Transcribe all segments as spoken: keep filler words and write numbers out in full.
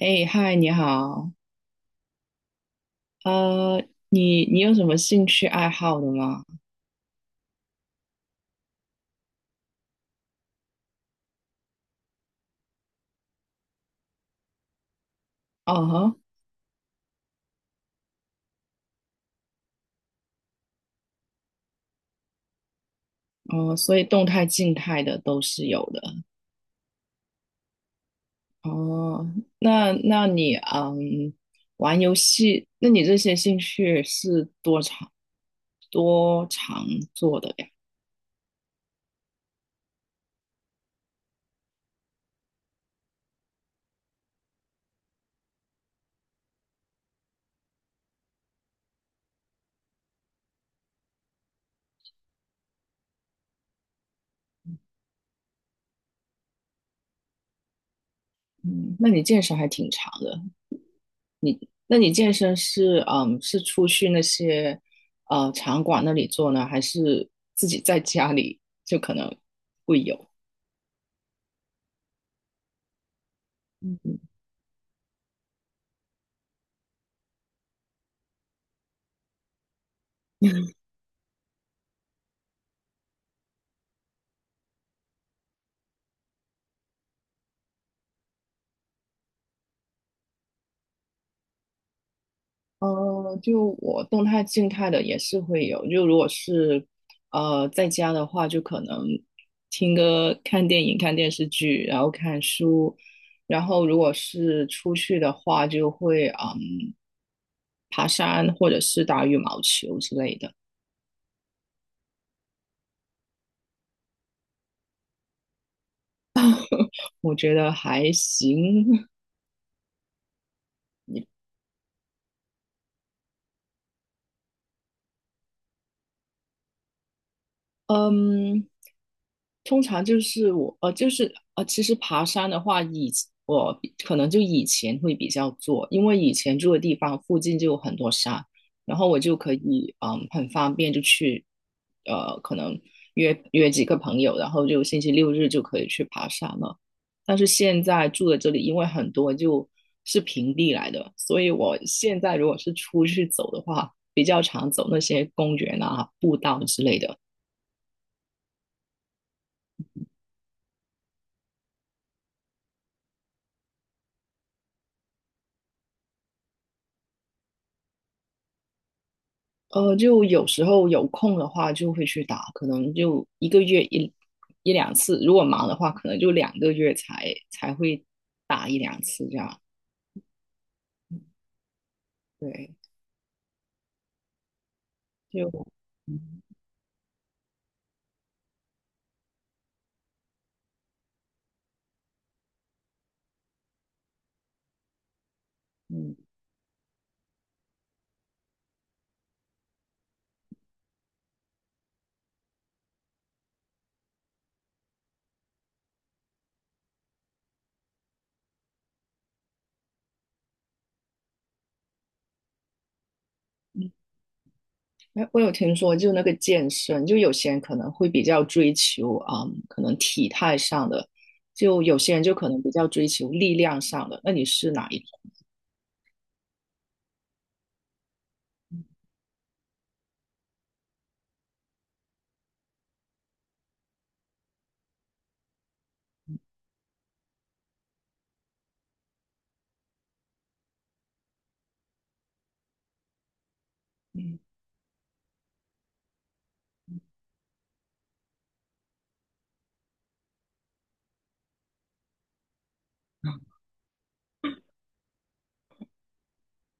哎，嗨，你好，呃，你你有什么兴趣爱好的吗？哦哈。哦，所以动态、静态的都是有的。哦，那那你嗯，玩游戏，那你这些兴趣是多长多长做的呀？嗯，那你健身还挺长的。你那你健身是嗯是出去那些呃场馆那里做呢，还是自己在家里就可能会有？呃，就我动态、静态的也是会有。就如果是呃在家的话，就可能听歌、看电影、看电视剧，然后看书。然后如果是出去的话，就会嗯爬山或者是打羽毛球之类的。我觉得还行。嗯，通常就是我呃，就是呃，其实爬山的话，以我比可能就以前会比较做，因为以前住的地方附近就有很多山，然后我就可以嗯很方便就去，呃，可能约约几个朋友，然后就星期六日就可以去爬山了。但是现在住的这里，因为很多就是平地来的，所以我现在如果是出去走的话，比较常走那些公园啊、步道之类的。呃，就有时候有空的话就会去打，可能就一个月一一两次，如果忙的话，可能就两个月才才会打一两次这样。对，就嗯嗯，哎，我有听说，就那个健身，就有些人可能会比较追求啊、嗯可能体态上的，就有些人就可能比较追求力量上的。那你是哪一种？嗯。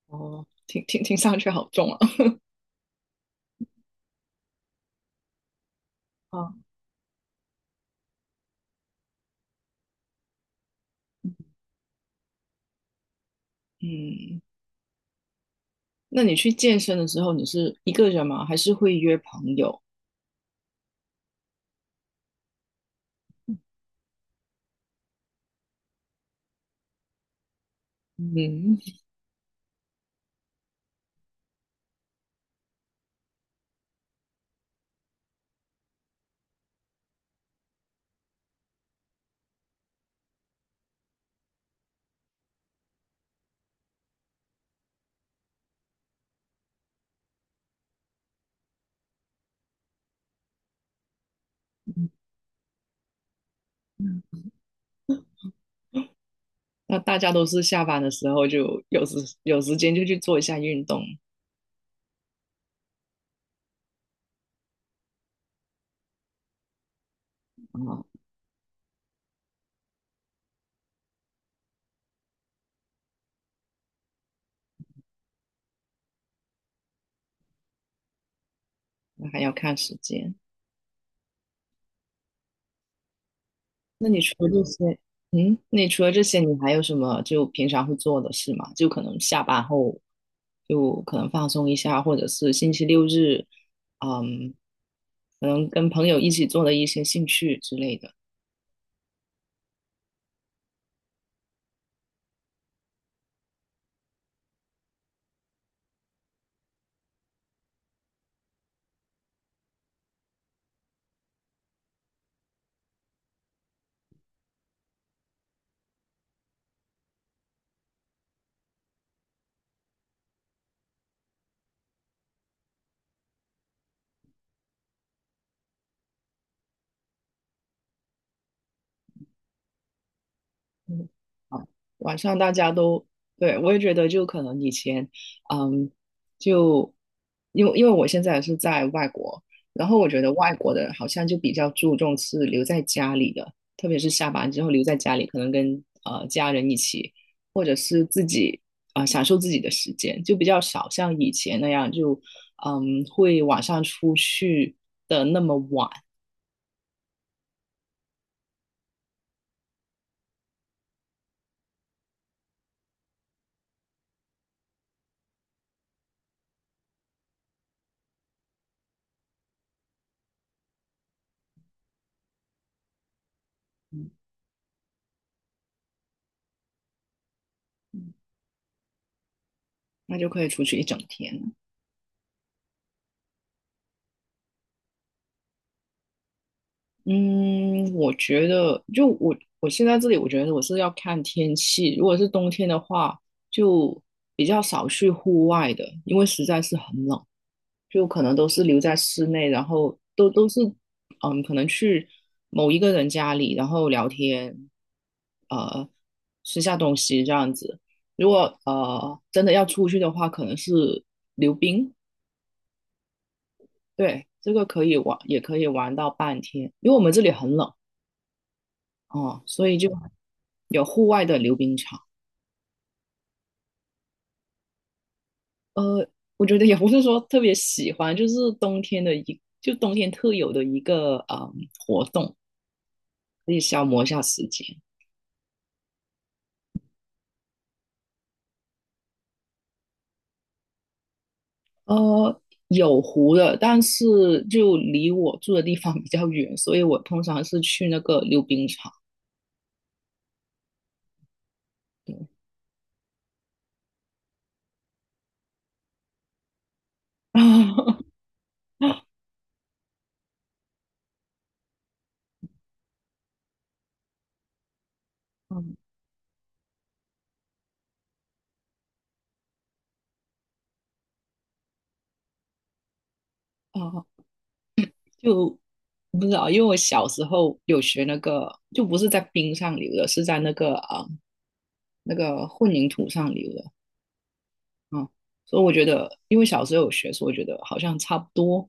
哦，听听听上去好重啊。啊，嗯。那你去健身的时候，你是一个人吗？还是会约朋友？嗯，那大家都是下班的时候就有时有时间就去做一下运动啊，那还要看时间。那你除了这些，嗯，那你除了这些，你还有什么就平常会做的事吗？就可能下班后就可能放松一下，或者是星期六日，嗯，可能跟朋友一起做的一些兴趣之类的。晚上大家都，对，我也觉得就可能以前，嗯，就因为因为我现在也是在外国，然后我觉得外国的好像就比较注重是留在家里的，特别是下班之后留在家里，可能跟呃家人一起，或者是自己啊、呃享受自己的时间，就比较少像以前那样就嗯会晚上出去的那么晚，那就可以出去一整天。嗯，我觉得就我我现在这里，我觉得我是要看天气。如果是冬天的话，就比较少去户外的，因为实在是很冷，就可能都是留在室内，然后都都是嗯，可能去某一个人家里，然后聊天，呃，吃下东西这样子。如果呃真的要出去的话，可能是溜冰，对，这个可以玩，也可以玩到半天，因为我们这里很冷。哦，所以就有户外的溜冰场。呃，我觉得也不是说特别喜欢，就是冬天的一，就冬天特有的一个嗯活动，可以消磨一下时间。呃，有湖的，但是就离我住的地方比较远，所以我通常是去那个溜冰场。对。嗯啊，就不知道，因为我小时候有学那个，就不是在冰上溜的，是在那个啊、那个混凝土上溜的。嗯，所以我觉得，因为小时候有学，所以我觉得好像差不多，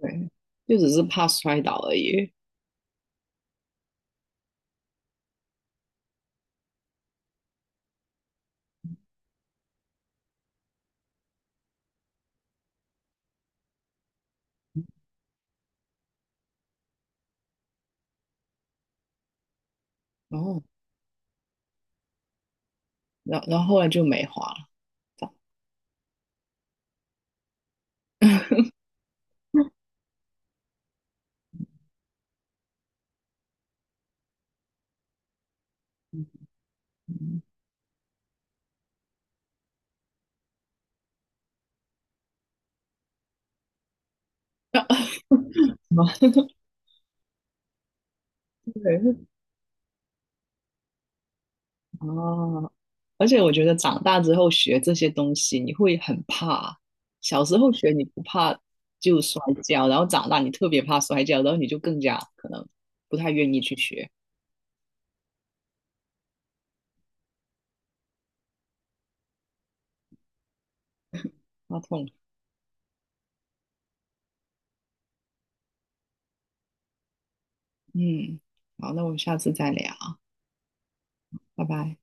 对，就只是怕摔倒而已。然后，然后然后后来就没滑了，这样。 对，啊，而且我觉得长大之后学这些东西，你会很怕。小时候学你不怕就摔跤，然后长大你特别怕摔跤，然后你就更加可能不太愿意去学，怕痛。嗯，好，那我们下次再聊，拜拜。